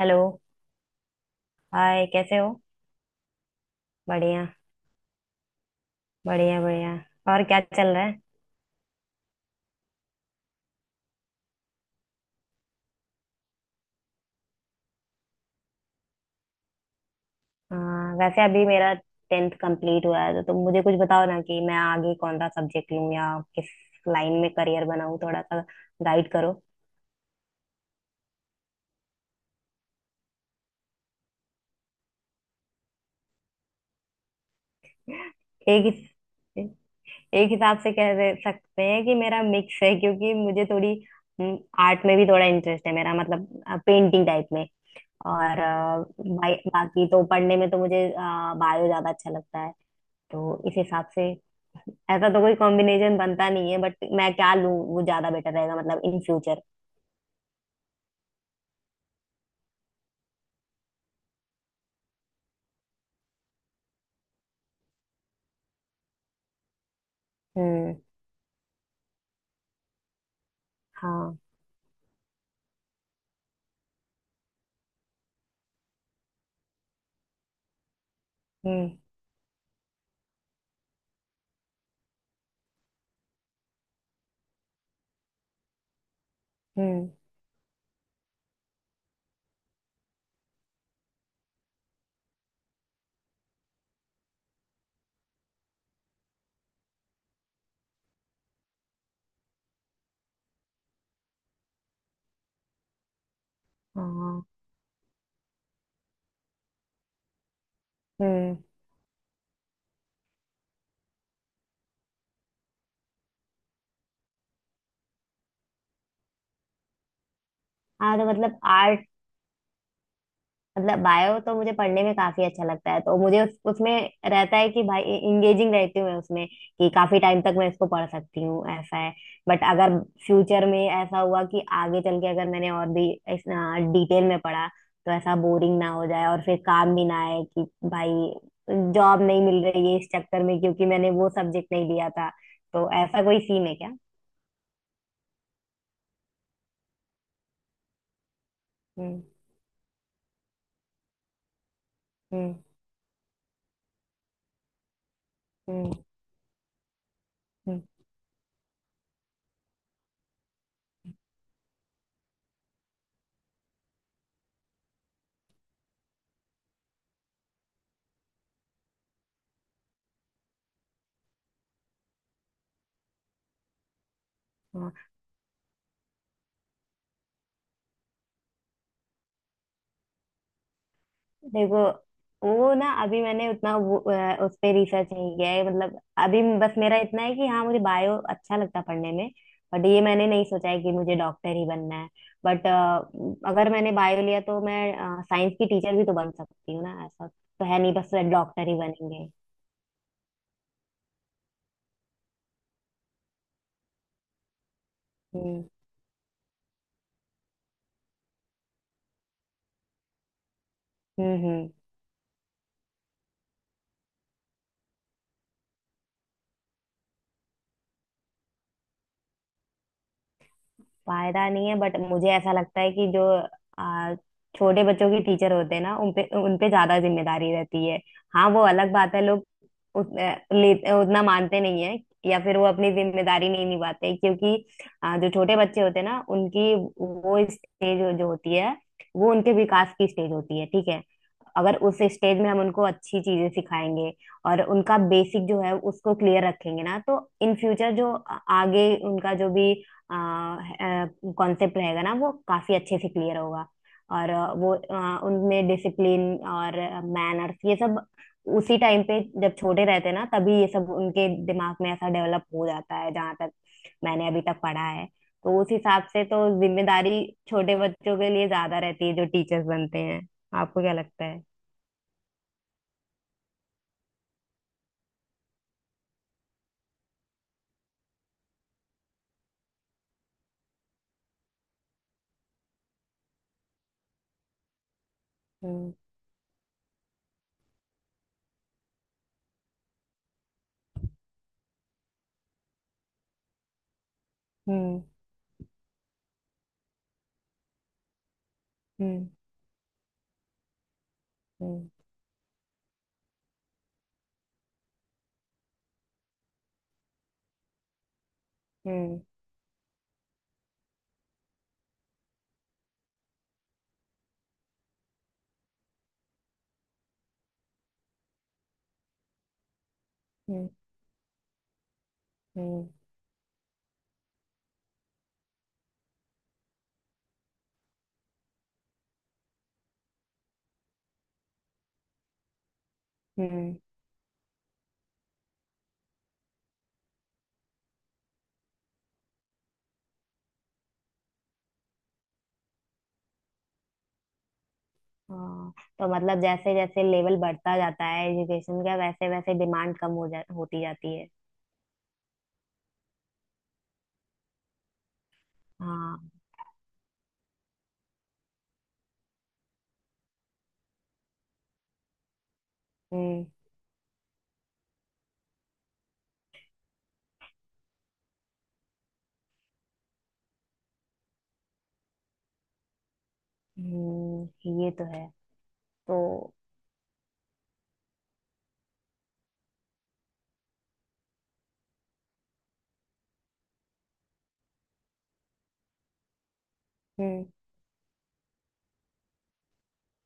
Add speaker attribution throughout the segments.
Speaker 1: Hello. Hi, कैसे हो? बढ़िया, बढ़िया, बढ़िया। और क्या चल रहा है? हाँ, वैसे अभी मेरा टेंथ कंप्लीट हुआ है, तो तुम मुझे कुछ बताओ ना कि मैं आगे कौन सा सब्जेक्ट लूँ या किस लाइन में करियर बनाऊँ, थोड़ा सा गाइड करो। एक हिस- एक हिसाब से कह दे सकते हैं कि मेरा मिक्स है, क्योंकि मुझे थोड़ी आर्ट में भी थोड़ा इंटरेस्ट है, मेरा मतलब पेंटिंग टाइप में। और बाकी तो पढ़ने में तो मुझे बायो ज्यादा अच्छा लगता है। तो इस हिसाब से ऐसा तो कोई कॉम्बिनेशन बनता नहीं है, बट मैं क्या लूं वो ज्यादा बेटर रहेगा, मतलब इन फ्यूचर। हम्म। हाँ। हम्म। हम्म। हाँ। हम्म। हाँ, तो मतलब आर्ट, मतलब बायो तो मुझे पढ़ने में काफी अच्छा लगता है, तो मुझे उसमें रहता है कि भाई इंगेजिंग रहती हूँ मैं उसमें, कि काफी टाइम तक मैं इसको पढ़ सकती हूँ, ऐसा है। बट अगर फ्यूचर में ऐसा हुआ कि आगे चल के अगर मैंने और भी इस डिटेल में पढ़ा, तो ऐसा बोरिंग ना हो जाए और फिर काम भी ना आए कि भाई जॉब नहीं मिल रही है, इस चक्कर में, क्योंकि मैंने वो सब्जेक्ट नहीं लिया था। तो ऐसा कोई सीन है क्या? हम्म। हम्म। हम्म। हम्म। देखो, वो ना अभी मैंने उतना उस पे रिसर्च नहीं किया है, मतलब अभी बस मेरा इतना है कि हाँ, मुझे बायो अच्छा लगता पढ़ने में। बट ये मैंने नहीं सोचा है कि मुझे डॉक्टर ही बनना है। बट अगर मैंने बायो लिया, तो मैं साइंस की टीचर भी तो बन सकती हूँ ना, ऐसा तो है नहीं बस डॉक्टर ही बनेंगे। हम्म। हम्म। हम्म। फायदा नहीं है, बट मुझे ऐसा लगता है कि जो आ, छोटे बच्चों के टीचर होते हैं ना, उन पे ज्यादा जिम्मेदारी रहती है। हाँ, वो अलग बात है लोग उत, अ, ले, उतना मानते नहीं है या फिर वो अपनी जिम्मेदारी नहीं निभाते, क्योंकि जो छोटे बच्चे होते हैं ना, उनकी वो स्टेज जो जो होती है, वो उनके विकास की स्टेज होती है, ठीक है? अगर उस स्टेज में हम उनको अच्छी चीजें सिखाएंगे और उनका बेसिक जो है उसको क्लियर रखेंगे ना, तो इन फ्यूचर जो आगे उनका जो भी कॉन्सेप्ट रहेगा ना, वो काफी अच्छे से क्लियर होगा। और उनमें डिसिप्लिन और मैनर्स, ये सब उसी टाइम पे जब छोटे रहते हैं ना, तभी ये सब उनके दिमाग में ऐसा डेवलप हो जाता है, जहां तक मैंने अभी तक पढ़ा है। तो उस हिसाब से तो जिम्मेदारी छोटे बच्चों के लिए ज्यादा रहती है जो टीचर्स बनते हैं। आपको क्या लगता है? हम्म। हम्म। हम्म। हम्म। हम्म। हम्म। हम्म। हम्म। हाँ, तो मतलब जैसे जैसे लेवल बढ़ता जाता है एजुकेशन का, वैसे वैसे डिमांड कम हो जा होती जाती है। हाँ। हम्म। ये तो है। तो हम्म।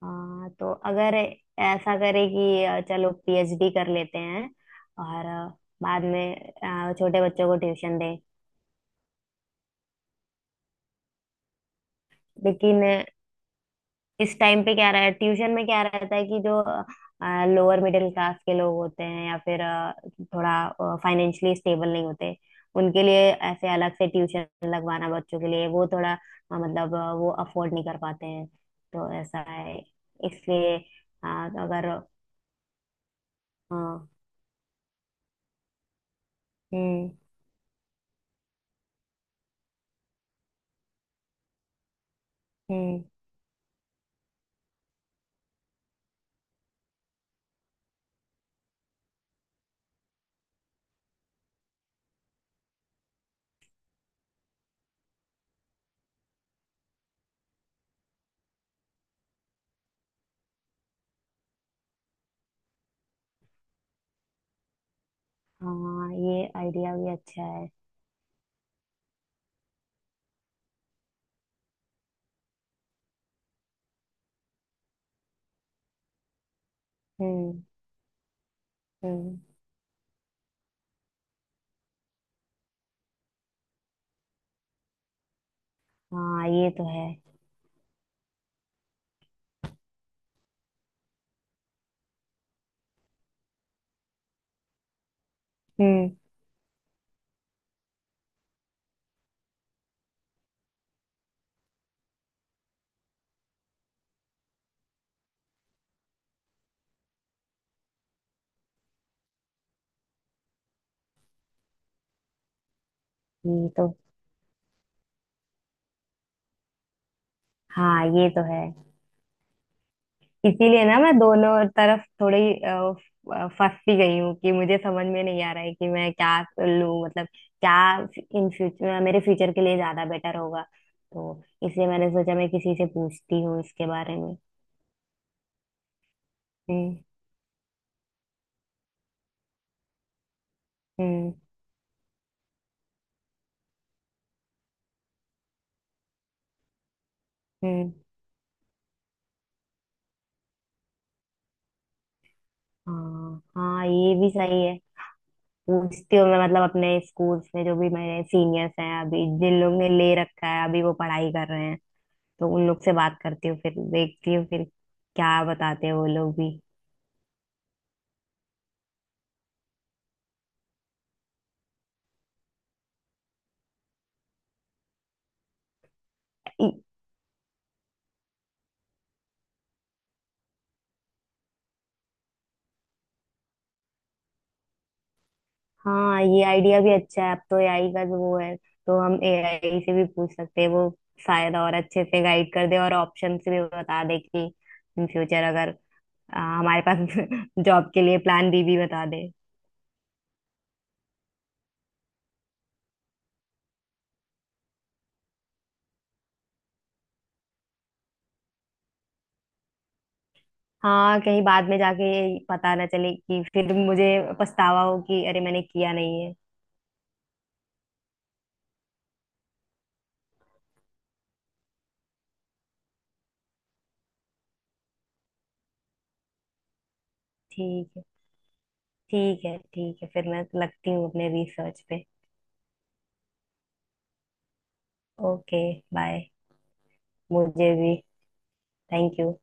Speaker 1: हाँ, तो अगर ऐसा करे कि चलो पीएचडी कर लेते हैं और बाद में छोटे बच्चों को ट्यूशन दें। लेकिन इस टाइम पे क्या रहा है, ट्यूशन में क्या रहता है, कि जो लोअर मिडिल क्लास के लोग होते हैं या फिर थोड़ा फाइनेंशियली स्टेबल नहीं होते, उनके लिए ऐसे अलग से ट्यूशन लगवाना बच्चों के लिए वो थोड़ा मतलब वो अफोर्ड नहीं कर पाते हैं, तो ऐसा है। इसलिए अ, अगर हाँ। हम्म। हम्म। हाँ, ये आइडिया भी अच्छा है। हम्म। हम्म। हाँ, ये तो है। हम्म। ये तो हाँ, ये तो है। इसीलिए ना मैं दोनों तरफ थोड़ी फंसी गई हूँ कि मुझे समझ में नहीं आ रहा है कि मैं क्या लूँ, मतलब क्या इन फ्यूचर मेरे फ्यूचर के लिए ज्यादा बेटर होगा, तो इसलिए मैंने सोचा मैं किसी से पूछती हूँ इसके बारे में। हम्म। हम्म। हम्म। हाँ, हाँ, ये भी सही है। पूछती हूँ मैं, मतलब अपने स्कूल्स में जो भी मेरे सीनियर्स हैं अभी, जिन लोग ने ले रखा है अभी वो पढ़ाई कर रहे हैं, तो उन लोग से बात करती हूँ, फिर देखती हूँ फिर क्या बताते हैं वो लोग भी। ई- हाँ, ये आइडिया भी अच्छा है। अब तो एआई का जो वो है, तो हम एआई से भी पूछ सकते हैं, वो शायद और अच्छे से गाइड कर दे और ऑप्शन भी बता दे कि इन फ्यूचर अगर हमारे पास जॉब के लिए प्लान बी भी बता दे। हाँ, कहीं बाद में जाके ये पता ना चले कि फिर मुझे पछतावा हो कि अरे मैंने किया नहीं है। ठीक है। ठीक है, ठीक है, फिर मैं लगती हूँ अपने रिसर्च पे। Okay, bye. मुझे भी, थैंक यू।